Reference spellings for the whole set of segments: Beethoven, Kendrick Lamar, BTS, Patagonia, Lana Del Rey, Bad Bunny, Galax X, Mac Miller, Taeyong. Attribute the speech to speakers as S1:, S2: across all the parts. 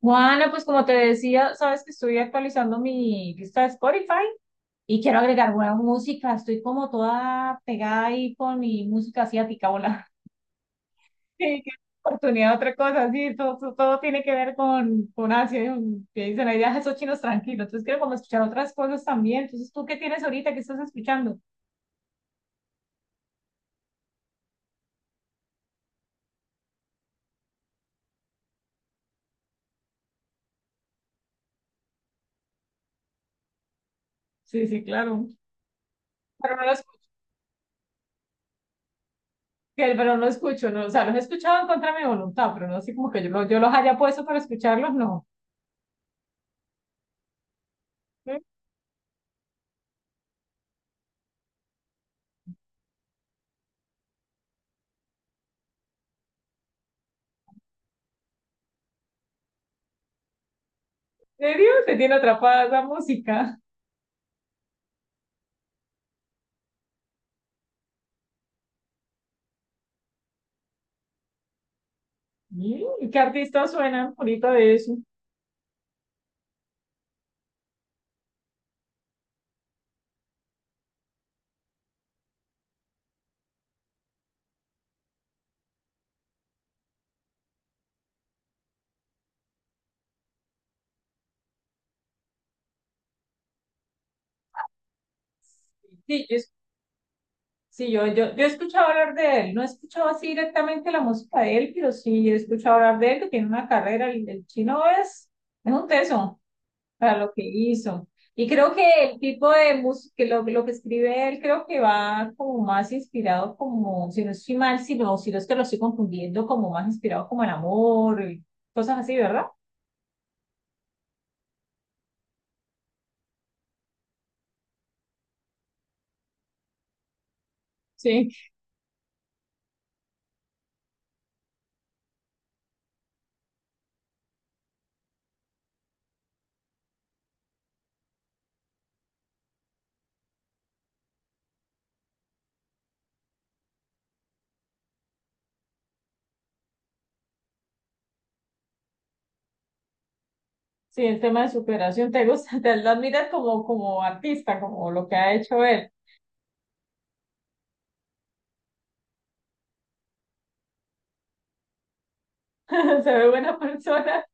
S1: Juana, pues como te decía, sabes que estoy actualizando mi lista de Spotify y quiero agregar buena música. Estoy como toda pegada ahí con mi música asiática, hola. Sí, qué oportunidad de otra cosa, sí, todo tiene que ver con Asia, y que dicen ahí, "Ah, esos chinos tranquilos". Entonces quiero como escuchar otras cosas también. Entonces, ¿tú qué tienes ahorita? ¿Qué estás escuchando? Sí, sí, claro. Pero no los, pero no escucho, no, o sea, los he escuchado en contra de mi voluntad, pero no así como que yo los haya puesto para escucharlos, no. ¿En serio? Te tiene atrapada la música. Mm, ¿qué artistas suenan ahorita de eso? Sí, yo, es- sí, yo he escuchado hablar de él. No he escuchado así directamente la música de él, pero sí he escuchado hablar de él, que tiene una carrera. El chino es un teso para lo que hizo. Y creo que el tipo de música, lo que escribe él, creo que va como más inspirado, como, si no estoy mal, si no es que lo estoy confundiendo, como más inspirado como el amor, y cosas así, ¿verdad? Sí, el tema de superación te gusta, te lo admiras como, como artista, como lo que ha hecho él. Se ve buena persona.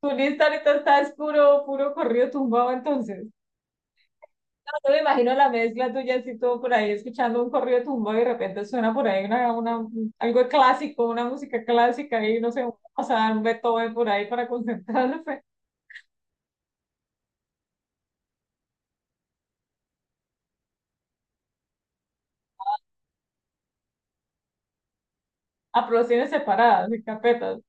S1: Tu lista ahorita está es puro corrido tumbado entonces. No, no me imagino la mezcla tuya así todo por ahí escuchando un corrido tumbado y de repente suena por ahí una, algo clásico, una música clásica y no sé, o sea, un Beethoven por ahí para concentrarse. A producciones separadas, en carpetas.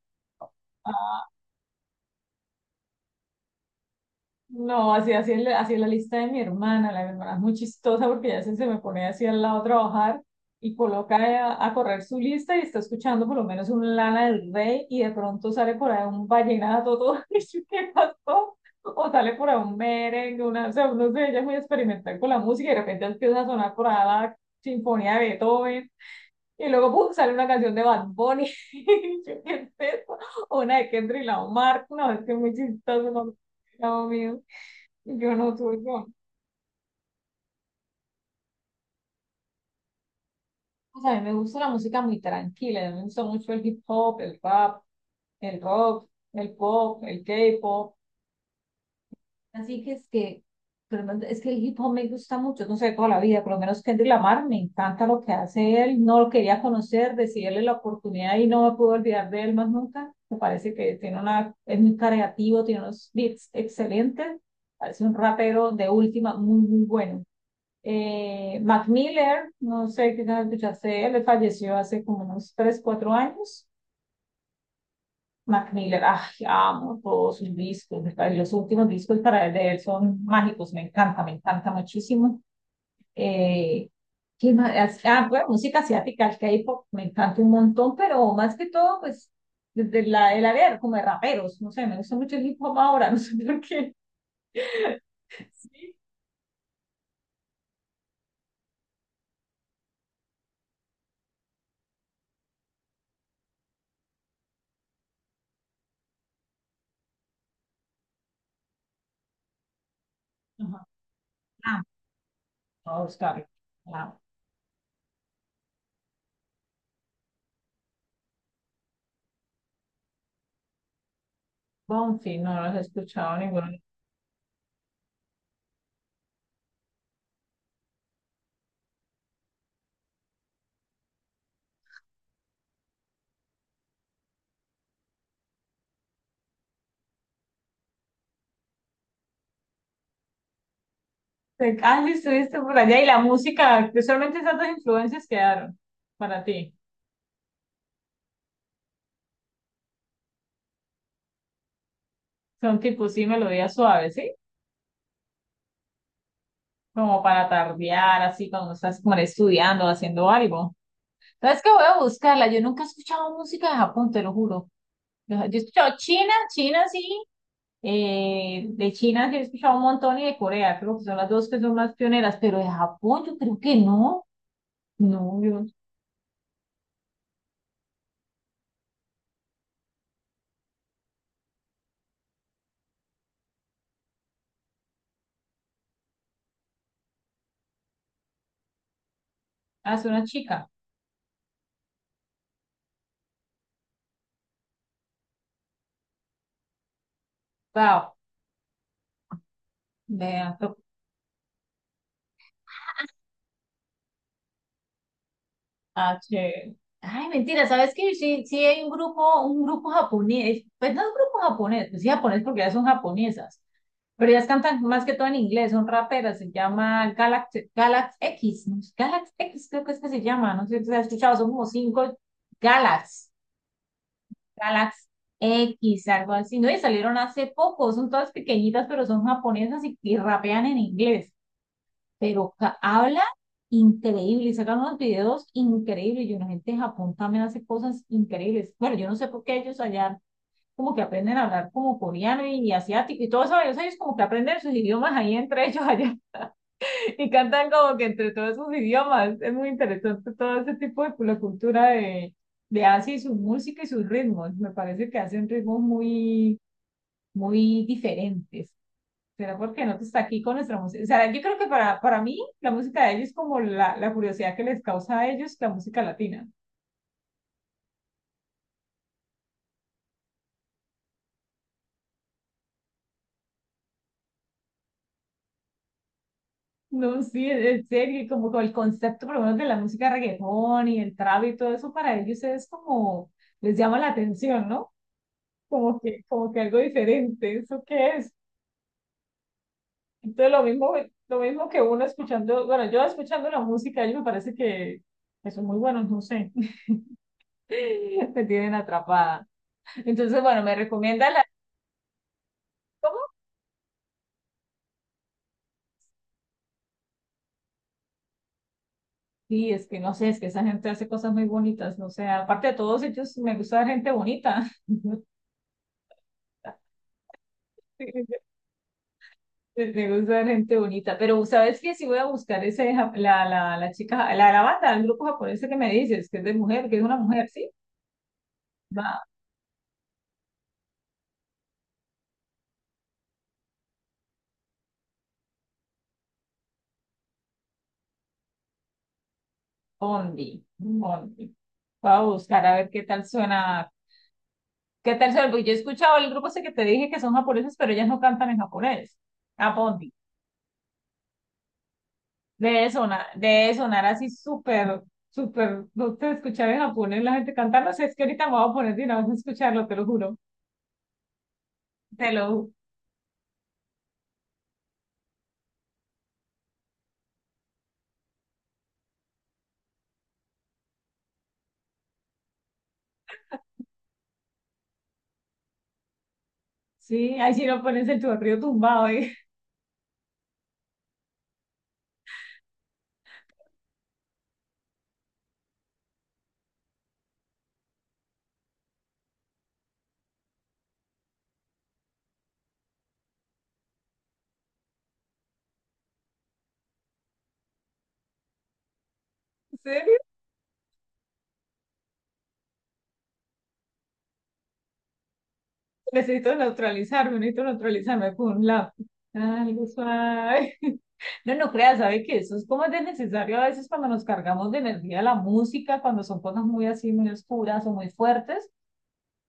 S1: No, así es la lista de mi hermana. La de mi hermana es muy chistosa porque se me pone así al lado a trabajar y coloca a correr su lista y está escuchando por lo menos un Lana del Rey y de pronto sale por ahí un vallenato, todo eso que pasó, o sale por ahí un merengue, una, o sea, no sé, ella es muy experimental con la música y de repente empieza a sonar por ahí la sinfonía de Beethoven y luego ¡pum! Sale una canción de Bad Bunny. Y yo, ¿qué es esto? O una de Kendrick Lamar, no, es que es muy chistoso, no, no, mío. Yo no soy yo. O sea, a mí me gusta la música muy tranquila, me gusta mucho el hip hop, el rap, el rock, el pop, el K-pop. Así que es que, es que el hip hop me gusta mucho, no sé, toda la vida, por lo menos Kendrick Lamar, me encanta lo que hace él, no lo quería conocer, decidí darle la oportunidad y no me pude olvidar de él más nunca. Me parece que tiene una, es muy creativo, tiene unos beats excelentes, parece un rapero de última, muy bueno. Mac Miller, no sé qué tal escuchaste él, falleció hace como unos 3 4 años. Mac Miller, ay, amo todos sus discos, los últimos discos para él, de él son mágicos, me encanta muchísimo. Eh, ¿Qué más? Ah, bueno, música asiática, el K-pop, me encanta un montón, pero más que todo, pues, el área como de raperos, no sé, me gusta mucho el hip hop ahora, no sé por qué. Ajá. Ah, no, está bien. Ah, Bonfi, no, no los he escuchado ninguno. Ah, sí, estuviste por allá y la música, que solamente esas dos influencias quedaron para ti. Son tipo, sí, melodías suaves, ¿sí? Como para tardear, así, cuando estás como estudiando, haciendo algo. ¿Sabes qué? Voy a buscarla. Yo nunca he escuchado música de Japón, te lo juro. Yo he escuchado China, China sí. Eh, de China sí he escuchado un montón y de Corea, creo que son las dos que son más pioneras, pero de Japón yo creo que no. No, yo. Ah, es una chica. Wow. Vea, to- ah, chévere. Ay, mentira, ¿sabes qué? Sí, sí hay un grupo japonés. Pues no es un grupo japonés, pues sí japonés porque ya son japonesas. Pero ellas cantan más que todo en inglés, son raperas, se llama Galax, Galax X, ¿no? Galax X creo que es que se llama, no sé si se ha escuchado, son como cinco Galax, Galax X, algo así, ¿no? Y salieron hace poco, son todas pequeñitas, pero son japonesas y rapean en inglés. Habla increíble y sacan unos videos increíbles. Y una gente de Japón también hace cosas increíbles. Bueno, yo no sé por qué ellos allá como que aprenden a hablar como coreano y, asiático y todo eso. Ellos como que aprenden sus idiomas ahí entre ellos allá y cantan como que entre todos sus idiomas. Es muy interesante todo ese tipo de la cultura de Asia y su música y sus ritmos. Me parece que hacen ritmos muy diferentes. ¿Será porque no está aquí con nuestra música? O sea, yo creo que para mí la música de ellos es como la curiosidad que les causa a ellos la música latina. No, sí, en serio, como con el concepto por lo menos de la música reggaetón y el trap y todo eso para ellos es como, les llama la atención, ¿no? Como que algo diferente, ¿eso qué es? Entonces lo mismo que uno escuchando, bueno, yo escuchando la música, ellos me parece que son muy buenos, no sé, me tienen atrapada. Entonces, bueno, me recomienda la... Sí, es que no sé, es que esa gente hace cosas muy bonitas, no sé, aparte de todos ellos, me gusta ver gente bonita. Sí, me gusta ver gente bonita, pero ¿sabes qué? Si voy a buscar ese, la chica, la banda, el grupo japonés que me dices, que es de mujer, que es una mujer, ¿sí? Va, Bondi, Bondi. Voy a buscar a ver qué tal suena, porque yo he escuchado el grupo ese que te dije que son japoneses, pero ellas no cantan en japonés. Ah, debe sonar, debe sonar así súper, súper, no te escuchar en japonés la gente cantando, o sea es que ahorita me voy a poner de una vez a escucharlo, te lo juro, te lo ju- sí, ahí si no pones el chorrillo tumbado, ¿eh? ¿En serio? Necesito neutralizarme con un lado algo suave. No, no creas, ¿sabe que eso es como de necesario a veces cuando nos cargamos de energía la música, cuando son cosas muy así, muy oscuras o muy fuertes,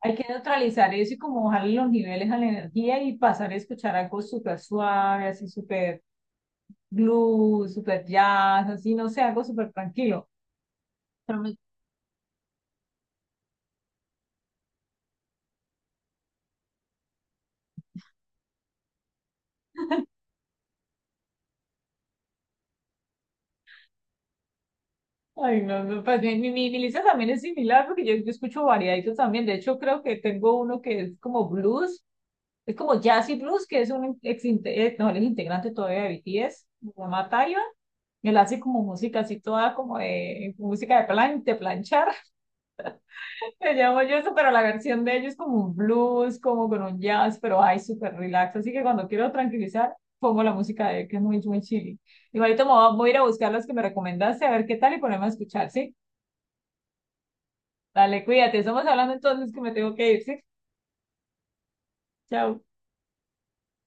S1: hay que neutralizar eso y como bajarle los niveles a la energía y pasar a escuchar algo súper suave, así súper blues, súper jazz, así, no sé, algo súper tranquilo. Ay, no, no, pues mi lista también es similar porque yo escucho variaditos también. De hecho, creo que tengo uno que es como blues, es como jazz y blues, que es un no, él es integrante todavía de BTS, se llama Taeyong. Él hace como música así toda como de música de plan, de planchar. Le llamo yo eso, pero la versión de ellos como un blues, como con un jazz, pero ay, súper relax. Así que cuando quiero tranquilizar, pongo la música de él, que es muy chili. Igualito me voy a voy a ir a buscar las que me recomendaste, a ver qué tal y ponerme a escuchar, ¿sí? Dale, cuídate. Estamos hablando entonces que me tengo que ir, ¿sí? Chao.